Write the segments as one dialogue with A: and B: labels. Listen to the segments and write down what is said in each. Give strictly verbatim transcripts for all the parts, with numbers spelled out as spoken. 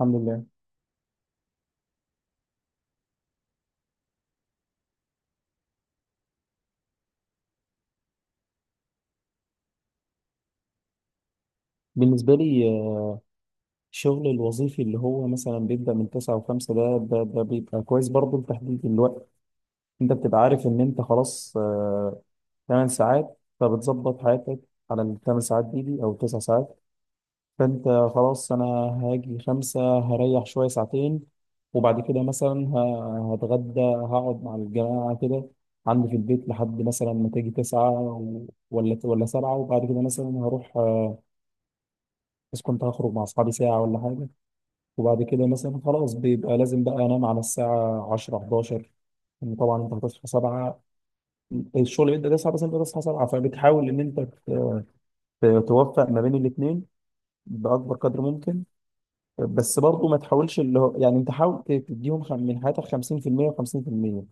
A: الحمد لله. بالنسبة لي آه، الشغل الوظيفي اللي هو مثلا بيبدأ من تسعة وخمسة، ده ده ده بيبقى كويس برضه لتحديد الوقت. انت بتبقى عارف ان انت خلاص، آه، 8 ساعات، فبتظبط حياتك على الثمان ساعات دي, دي او تسع ساعات. فانت خلاص، انا هاجي خمسة هريح شوية ساعتين، وبعد كده مثلا ه- هتغدى، هقعد مع الجماعة كده عندي في البيت لحد مثلا ما تيجي تسعة و- ولا ولا سبعة. وبعد كده مثلا هروح، آه، بس كنت هخرج مع أصحابي ساعة ولا حاجة. وبعد كده مثلا خلاص بيبقى لازم بقى انام على الساعه عشرة حداشر، إن طبعا انت هتصحى سبعة. الشغل بيبدا تسعة بس انت تصحى سبعة، فبتحاول ان انت ت- ت- توفق ما بين الاثنين باكبر قدر ممكن. بس برضه ما تحاولش، اللي هو يعني انت حاول ت- تديهم خم- من حياتك خمسين في المية و50%.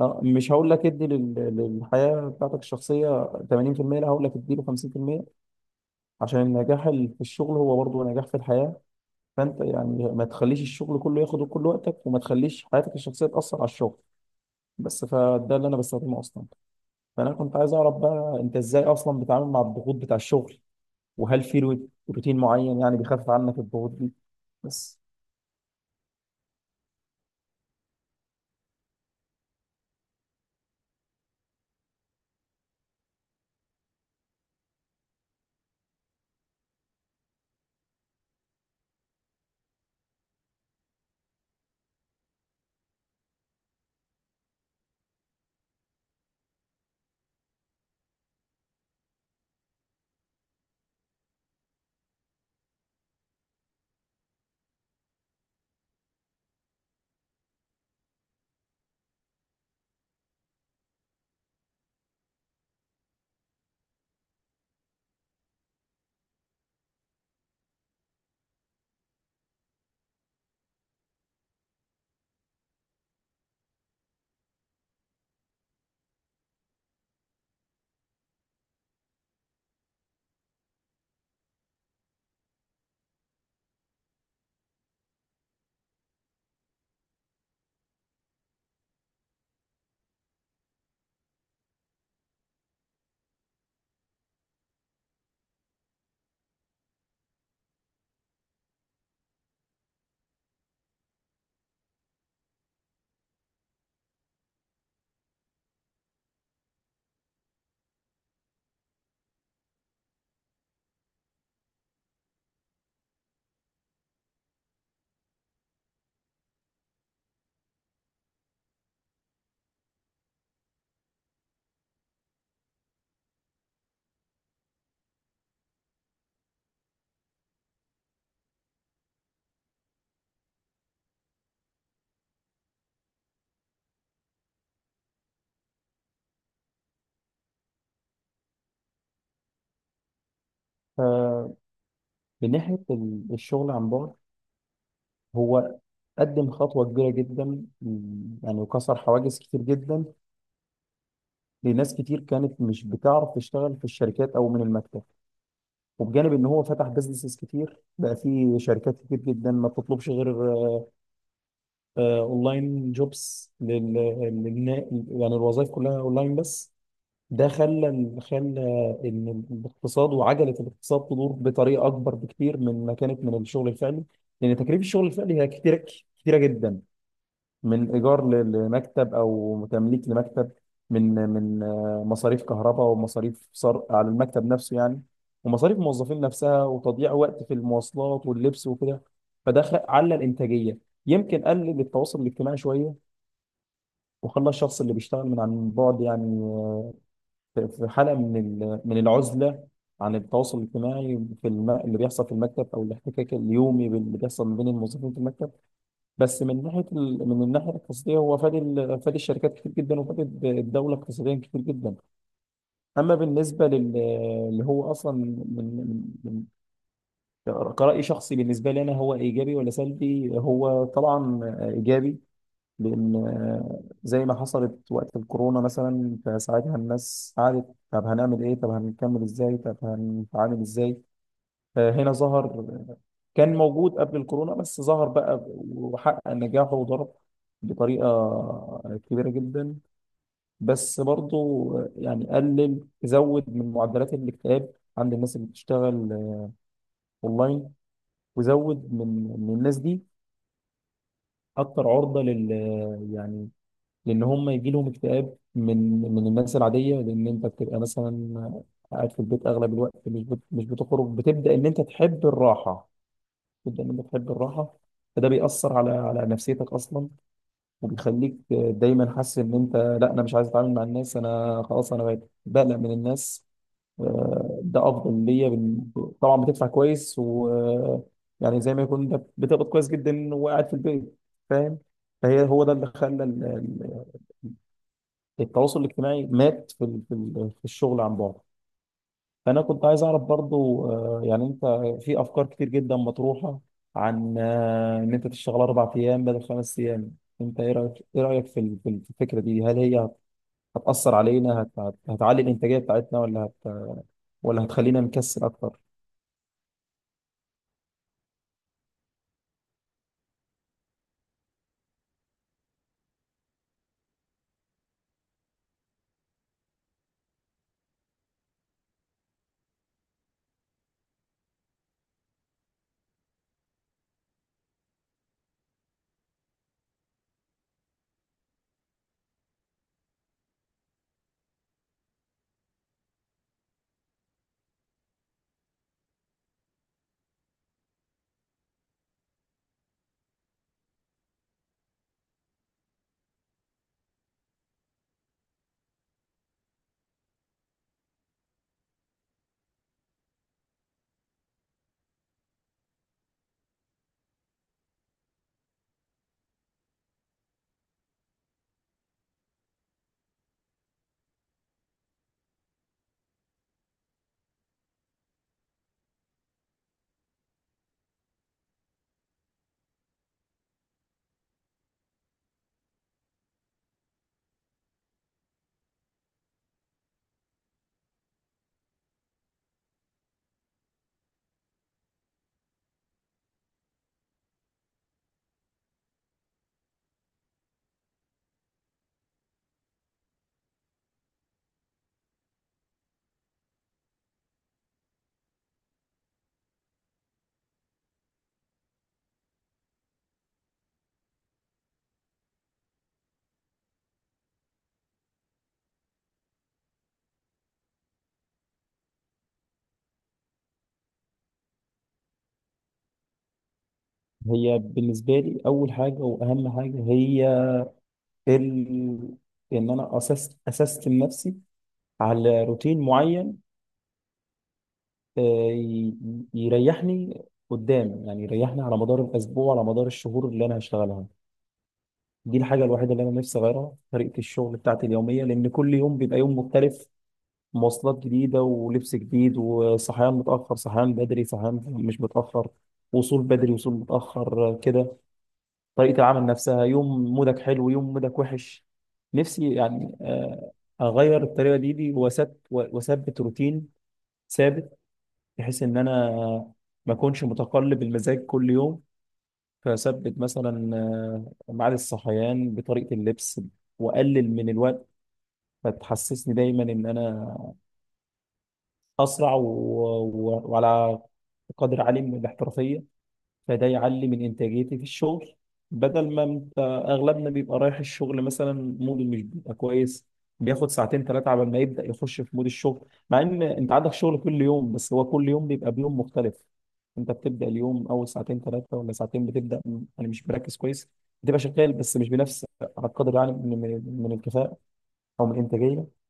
A: آه، مش هقول لك ادي لل- للحياه بتاعتك الشخصيه تمانين بالمية، لا هقول لك ادي له خمسين بالمية، عشان النجاح ال- في الشغل هو برضه نجاح في الحياه. فانت يعني ما تخليش الشغل كله ياخد كل وقتك، وما تخليش حياتك الشخصيه تاثر على الشغل. بس فده اللي انا بستخدمه اصلا. فانا كنت عايز اعرف بقى، انت ازاي اصلا بتتعامل مع الضغوط بتاع الشغل، وهل في رو- روتين معين يعني بيخفف عنك الضغوط دي؟ بس ف- من ناحيه ال- الشغل عن بعد، هو قدم خطوه كبيره جدا، م، يعني وكسر حواجز كتير جدا لناس كتير كانت مش بتعرف تشتغل في الشركات او من المكتب. وبجانب ان هو فتح بيزنسز كتير بقى في شركات كتير جدا ما بتطلبش غير اونلاين جوبس لل للنا- يعني الوظائف كلها اونلاين بس. ده خلى خلى ان الاقتصاد وعجله الاقتصاد تدور بطريقه اكبر بكتير من ما كانت من الشغل الفعلي، لان تكاليف الشغل الفعلي هي كتيره، كتيره جدا، من ايجار ل- لمكتب او تمليك لمكتب، من من آه، مصاريف كهرباء، ومصاريف صرف على المكتب نفسه يعني، ومصاريف الموظفين نفسها، وتضييع وقت في المواصلات واللبس وكده. فده خ- على الانتاجيه، يمكن قلل التواصل الاجتماعي شويه، وخلى الشخص اللي بيشتغل من عن بعد يعني، آه، في في حاله من ال- من العزله عن التواصل الاجتماعي في الم... اللي بيحصل في المكتب، او الاحتكاك اليومي اللي بيحصل ما بين الموظفين في المكتب. بس من ناحيه ال... من الناحيه الاقتصاديه، هو فاد ال... فاد الشركات كتير جدا، وفاد الد- الدوله اقتصاديا كتير جدا. اما بالنسبه لل اللي هو اصلا من من من كرأي شخصي بالنسبه لي انا، هو ايجابي ولا سلبي؟ هو طبعا ايجابي، لان زي ما حصلت وقت الكورونا مثلا، فساعتها الناس قعدت، طب هنعمل ايه؟ طب هنكمل ازاي؟ طب هنتعامل ازاي؟ آه، هنا ظهر، كان موجود قبل الكورونا بس ظهر بقى وحقق نجاحه وضرب بطريقة كبيرة جدا. بس برضه يعني قلل، زود من معدلات الاكتئاب عند الناس اللي بتشتغل اونلاين، وزود من من الناس دي اكتر عرضة لل يعني، لان هم يجي لهم اكتئاب من من الناس العادية. لان انت بتبقى مثلا قاعد في البيت اغلب الوقت، مش بت- مش بتخرج، بتبدأ ان انت تحب الراحة جدا، انك تحب الراحه. فده بيأثر على على نفسيتك اصلا، وبيخليك دايما حاسس ان انت، لا، انا مش عايز اتعامل مع الناس، انا خلاص انا بقيت بقلق من الناس. آه، ده افضل ليا بال- طبعا بتدفع كويس، و، يعني زي ما يكون انت بتقبض كويس جدا وقاعد في البيت، فاهم؟ فهي، هو ده اللي خلى ال- ال- التواصل الاجتماعي مات في ال- في ال- في الشغل عن بعد. فانا كنت عايز اعرف برضو، آه، يعني انت في افكار كتير جدا مطروحه عن، آه، ان انت تشتغل اربع ايام بدل خمس ايام. انت ايه رايك ايه رايك في ال- في ال- في الفكره دي؟ هل هي هت- هتاثر علينا؟ هت- هت- هتعلي الانتاجيه بتاعتنا، ولا هت ولا هتخلينا نكسل اكتر؟ هي بالنسبه لي اول حاجه واهم حاجه هي، ال... ان انا اسست اسستم نفسي على روتين معين، آه، ي- يريحني قدام، يعني يريحني على مدار الاسبوع، على مدار الشهور اللي انا هشتغلها. دي الحاجة الوحيدة اللي أنا نفسي أغيرها، طريقة الشغل بتاعتي اليومية، لأن كل يوم بيبقى يوم مختلف. مواصلات جديدة، ولبس جديد، وصحيان متأخر، صحيان بدري، صحيان مش متأخر، وصول بدري، وصول متأخر، آه، كده. طريقة العمل نفسها، يوم مودك حلو، يوم مودك وحش. نفسي يعني، آه، أغير الطريقة دي دي، وأثبت وأثبت روتين ثابت، بحيث إن أنا ما أكونش متقلب المزاج كل يوم. فثبت مثلا، آه، ميعاد الصحيان، بطريقه اللبس، واقلل من الوقت، فتحسسني دايما ان انا اسرع و... و... وعلى قدر عالي من الاحترافيه، فده يعلي من انتاجيتي في الشغل. بدل ما انت، اغلبنا بيبقى رايح الشغل مثلا موده مش بيبقى كويس، بياخد ساعتين ثلاثه على ما يبدا يخش في مود الشغل، مع ان انت عندك شغل كل يوم، بس هو كل يوم بيبقى بيوم مختلف. انت بتبدا اليوم، اول ساعتين ثلاثه ولا ساعتين، بتبدا م- يعني مش مركز كويس، بتبقى شغال بس مش بنفس، على القدر يعني من من من الكفاءه، او من الانتاجيه.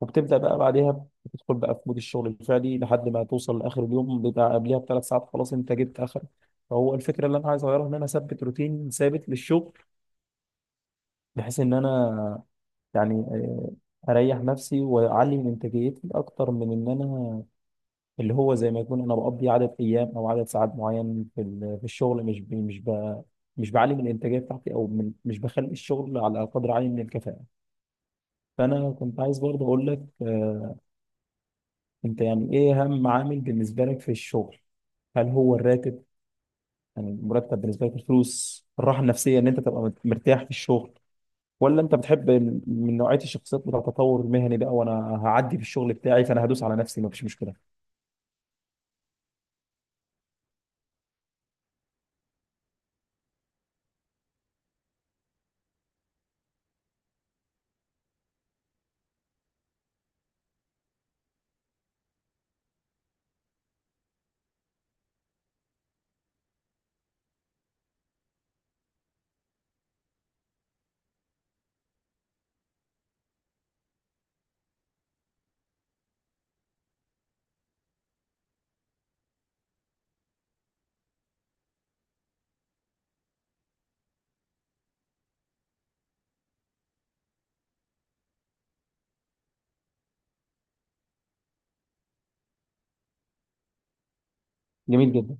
A: وبتبدا بقى بعدها بتدخل بقى في مود الشغل الفعلي، لحد ما توصل لاخر اليوم بيبقى قبلها بثلاث ساعات، خلاص انت جبت اخر. فهو الفكره اللي انا عايز اغيرها ان انا اثبت روتين ثابت للشغل، بحيث ان انا يعني، آه، اريح نفسي واعلي من انتاجيتي، اكتر من ان انا، اللي هو زي ما يكون انا بقضي عدد ايام او عدد ساعات معين في ال- في الشغل، مش ب- مش ب- مش بعلي من الانتاجيه بتاعتي، او من، مش بخلي الشغل على قدر عالي من الكفاءه. فانا كنت عايز برضه اقول لك، آه، انت يعني ايه اهم عامل بالنسبه لك في الشغل؟ هل هو الراتب؟ يعني المرتب بالنسبه لك، الفلوس، الراحه النفسيه ان انت تبقى مرتاح في الشغل، ولا انت بتحب ال- من نوعيه الشخصيات بتاع التطور المهني بقى، وانا هعدي في الشغل بتاعي فانا هدوس على نفسي مفيش مشكله. جميل.